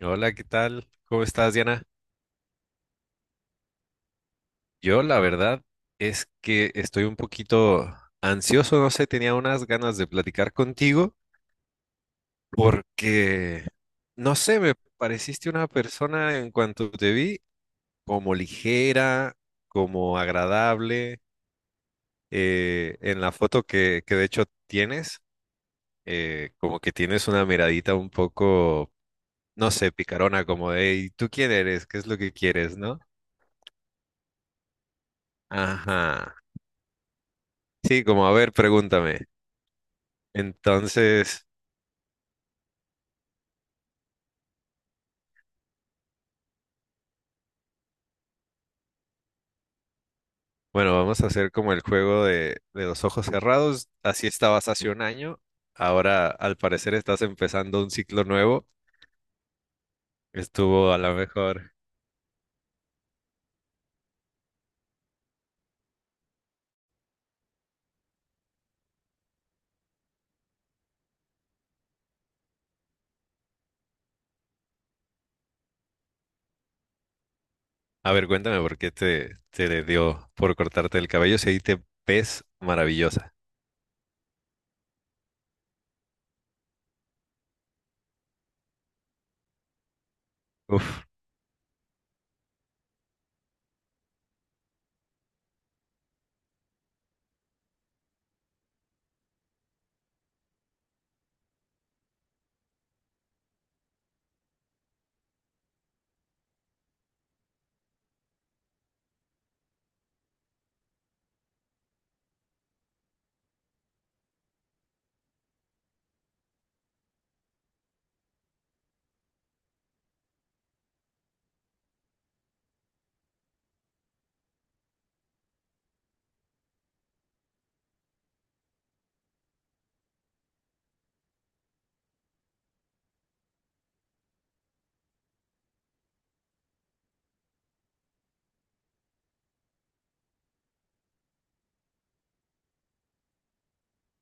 Hola, ¿qué tal? ¿Cómo estás, Diana? Yo la verdad es que estoy un poquito ansioso, no sé, tenía unas ganas de platicar contigo porque, no sé, me pareciste una persona en cuanto te vi como ligera, como agradable, en la foto que de hecho tienes, como que tienes una miradita un poco, no sé, picarona, como de, "Ey, ¿tú quién eres? ¿Qué es lo que quieres, no? Ajá. Sí, como a ver, pregúntame. Entonces, bueno, vamos a hacer como el juego de los ojos cerrados. Así estabas hace un año. Ahora, al parecer, estás empezando un ciclo nuevo. Estuvo a lo mejor. A ver, cuéntame por qué te le dio por cortarte el cabello si ahí te ves maravillosa. Uf,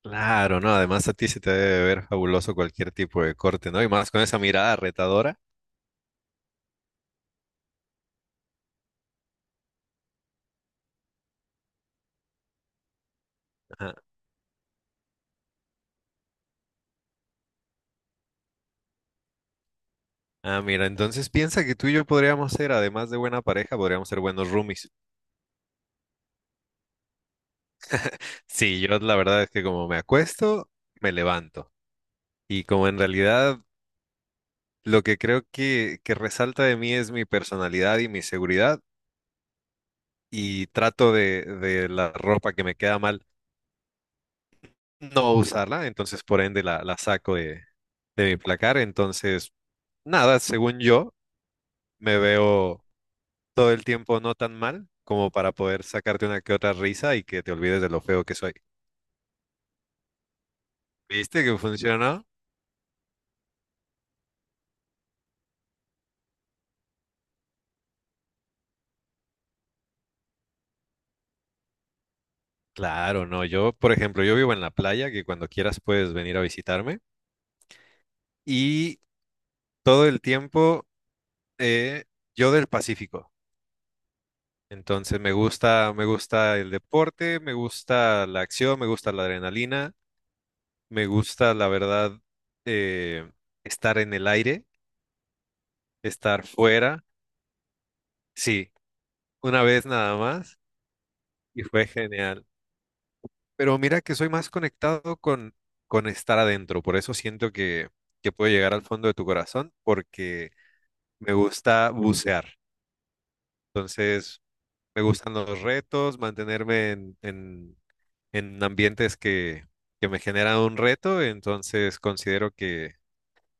claro, ¿no? Además, a ti se te debe ver fabuloso cualquier tipo de corte, ¿no? Y más con esa mirada retadora. Ajá. Ah, mira, entonces piensa que tú y yo podríamos ser, además de buena pareja, podríamos ser buenos roomies. Sí, yo la verdad es que como me acuesto, me levanto. Y como en realidad lo que creo que resalta de mí es mi personalidad y mi seguridad, y trato de la ropa que me queda mal no usarla, entonces por ende la saco de mi placar. Entonces, nada, según yo, me veo todo el tiempo no tan mal como para poder sacarte una que otra risa y que te olvides de lo feo que soy. ¿Viste que funcionó? Claro, no, yo, por ejemplo, yo vivo en la playa, que cuando quieras puedes venir a visitarme, y todo el tiempo eh, yo del Pacífico. Entonces me gusta el deporte, me gusta la acción, me gusta la adrenalina, me gusta, la verdad, eh, estar en el aire, estar fuera. Sí, una vez nada más, y fue genial. Pero mira que soy más conectado con estar adentro, por eso siento que puedo llegar al fondo de tu corazón, porque me gusta bucear. Entonces, me gustan los retos, mantenerme en ambientes que me generan un reto. Entonces, considero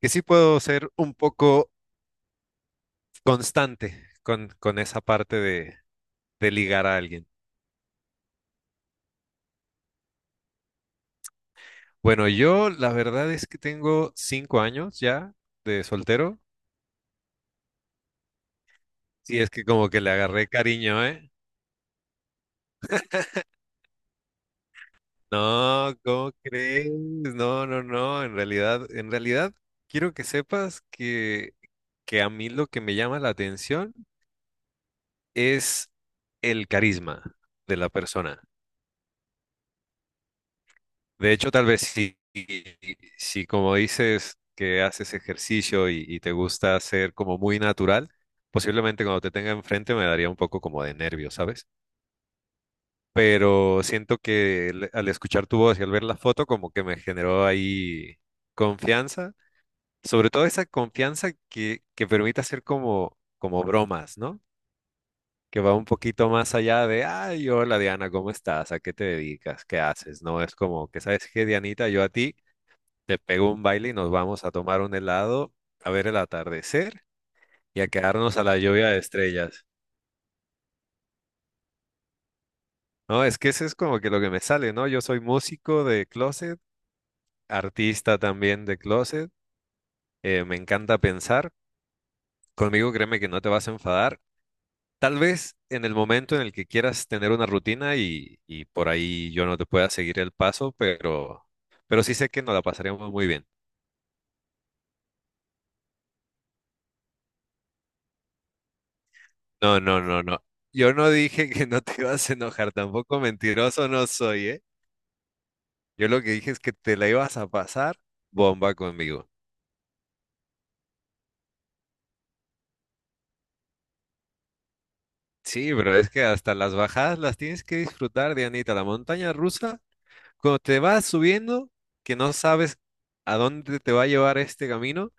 que sí puedo ser un poco constante con esa parte de ligar a alguien. Bueno, yo la verdad es que tengo 5 años ya de soltero. Sí, es que como que le agarré cariño, ¿eh? No, ¿cómo crees? No, no, no. En realidad, en realidad, quiero que sepas que a mí lo que me llama la atención es el carisma de la persona. De hecho, tal vez si, si como dices que haces ejercicio y te gusta ser como muy natural, posiblemente cuando te tenga enfrente me daría un poco como de nervio, ¿sabes? Pero siento que al escuchar tu voz y al ver la foto, como que me generó ahí confianza, sobre todo esa confianza que permite hacer como, como bromas, ¿no? Que va un poquito más allá de, ay, hola Diana, ¿cómo estás? ¿A qué te dedicas? ¿Qué haces? No es como que, ¿sabes qué, Dianita? Yo a ti te pego un baile y nos vamos a tomar un helado, a ver el atardecer y a quedarnos a la lluvia de estrellas. No, es que eso es como que lo que me sale, ¿no? Yo soy músico de closet, artista también de closet, me encanta pensar. Conmigo créeme que no te vas a enfadar. Tal vez en el momento en el que quieras tener una rutina y por ahí yo no te pueda seguir el paso, pero sí sé que nos la pasaríamos muy bien. No, no, no, no. Yo no dije que no te ibas a enojar, tampoco mentiroso no soy, ¿eh? Yo lo que dije es que te la ibas a pasar bomba conmigo. Sí, pero es que hasta las bajadas las tienes que disfrutar, Dianita. La montaña rusa, cuando te vas subiendo, que no sabes a dónde te va a llevar este camino,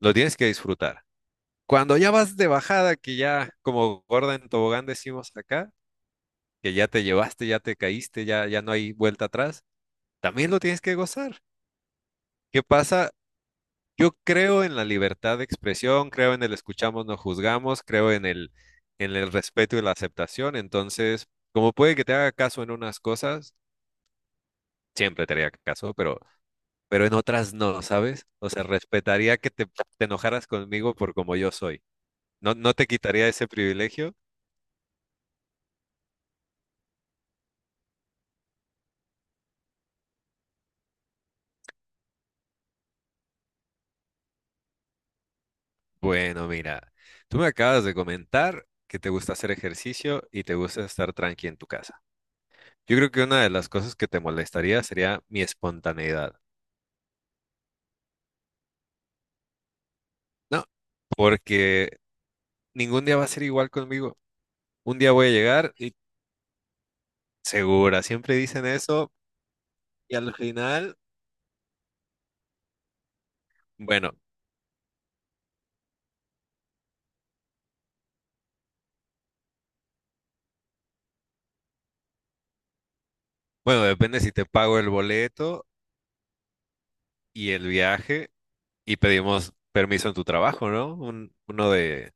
lo tienes que disfrutar. Cuando ya vas de bajada, que ya como gorda en tobogán decimos acá, que ya te llevaste, ya te caíste, ya, ya no hay vuelta atrás, también lo tienes que gozar. ¿Qué pasa? Yo creo en la libertad de expresión, creo en el escuchamos, no juzgamos, creo en el respeto y la aceptación. Entonces, como puede que te haga caso en unas cosas, siempre te haría caso, pero en otras no, ¿sabes? O sea, respetaría que te enojaras conmigo por como yo soy. No, no te quitaría ese privilegio. Bueno, mira, tú me acabas de comentar que te gusta hacer ejercicio y te gusta estar tranqui en tu casa. Yo creo que una de las cosas que te molestaría sería mi espontaneidad, ¿no? Porque ningún día va a ser igual conmigo. Un día voy a llegar y segura, siempre dicen eso y al final, bueno, bueno, depende si te pago el boleto y el viaje y pedimos permiso en tu trabajo, ¿no? Uno de...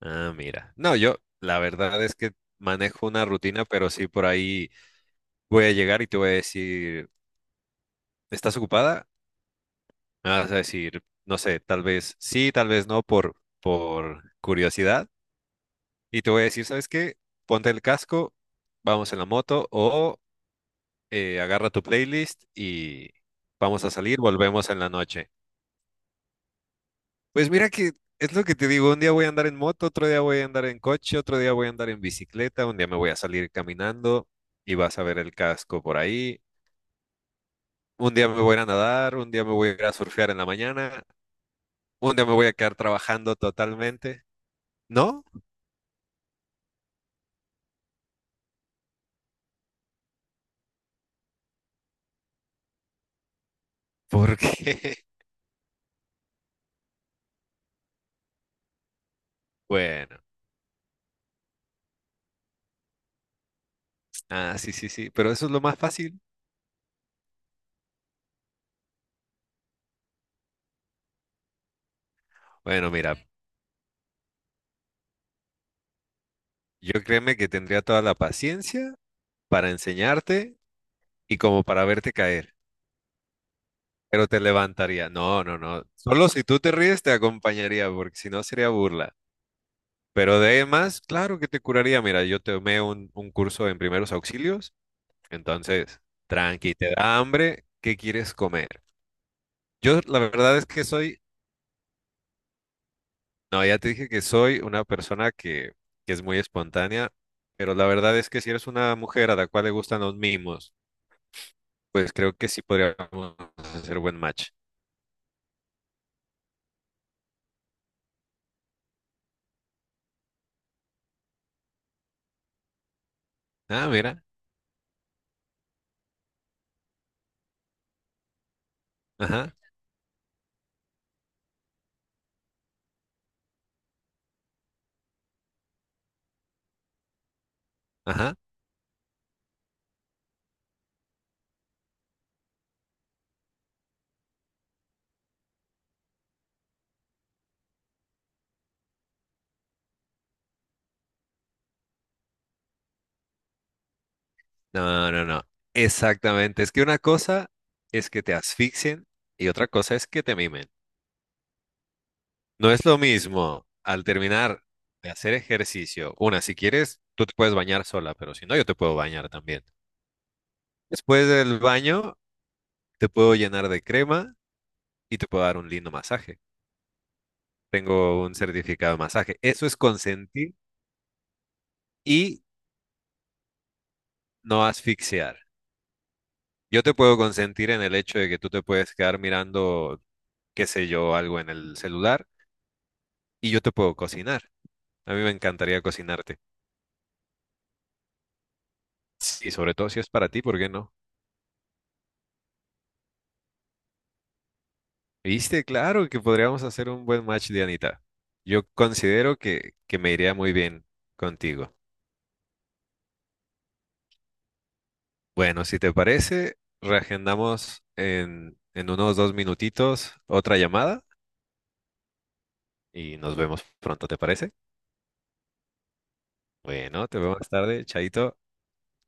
Ah, mira. No, yo, la verdad es que manejo una rutina, pero sí por ahí voy a llegar y te voy a decir, ¿estás ocupada? Me vas a decir, no sé, tal vez sí, tal vez no, por curiosidad. Y te voy a decir, ¿sabes qué? Ponte el casco, vamos en la moto o agarra tu playlist y vamos a salir, volvemos en la noche. Pues mira que es lo que te digo, un día voy a andar en moto, otro día voy a andar en coche, otro día voy a andar en bicicleta, un día me voy a salir caminando y vas a ver el casco por ahí. Un día me voy a ir a nadar, un día me voy a ir a surfear en la mañana. Un día me voy a quedar trabajando totalmente. ¿No? Porque, bueno, ah, sí, sí, sí, pero eso es lo más fácil. Bueno, mira, yo créeme que tendría toda la paciencia para enseñarte y como para verte caer, pero te levantaría. No, no, no. Solo si tú te ríes te acompañaría, porque si no sería burla. Pero de ahí más, claro que te curaría. Mira, yo tomé un curso en primeros auxilios, entonces, tranqui, te da hambre, ¿qué quieres comer? Yo la verdad es que soy... No, ya te dije que soy una persona que es muy espontánea, pero la verdad es que si eres una mujer a la cual le gustan los mimos, pues creo que sí podríamos hacer buen match. Ah, mira. Ajá, ajá. No, no, no. Exactamente. Es que una cosa es que te asfixien y otra cosa es que te mimen. No es lo mismo al terminar de hacer ejercicio. Una, si quieres, tú te puedes bañar sola, pero si no, yo te puedo bañar también. Después del baño, te puedo llenar de crema y te puedo dar un lindo masaje. Tengo un certificado de masaje. Eso es consentir y no asfixiar. Yo te puedo consentir en el hecho de que tú te puedes quedar mirando, qué sé yo, algo en el celular y yo te puedo cocinar. A mí me encantaría cocinarte. Y sobre todo si es para ti, ¿por qué no? Viste, claro que podríamos hacer un buen match, Dianita. Yo considero que me iría muy bien contigo. Bueno, si te parece, reagendamos en unos 2 minutitos otra llamada y nos vemos pronto, ¿te parece? Bueno, te veo más tarde, Chaito.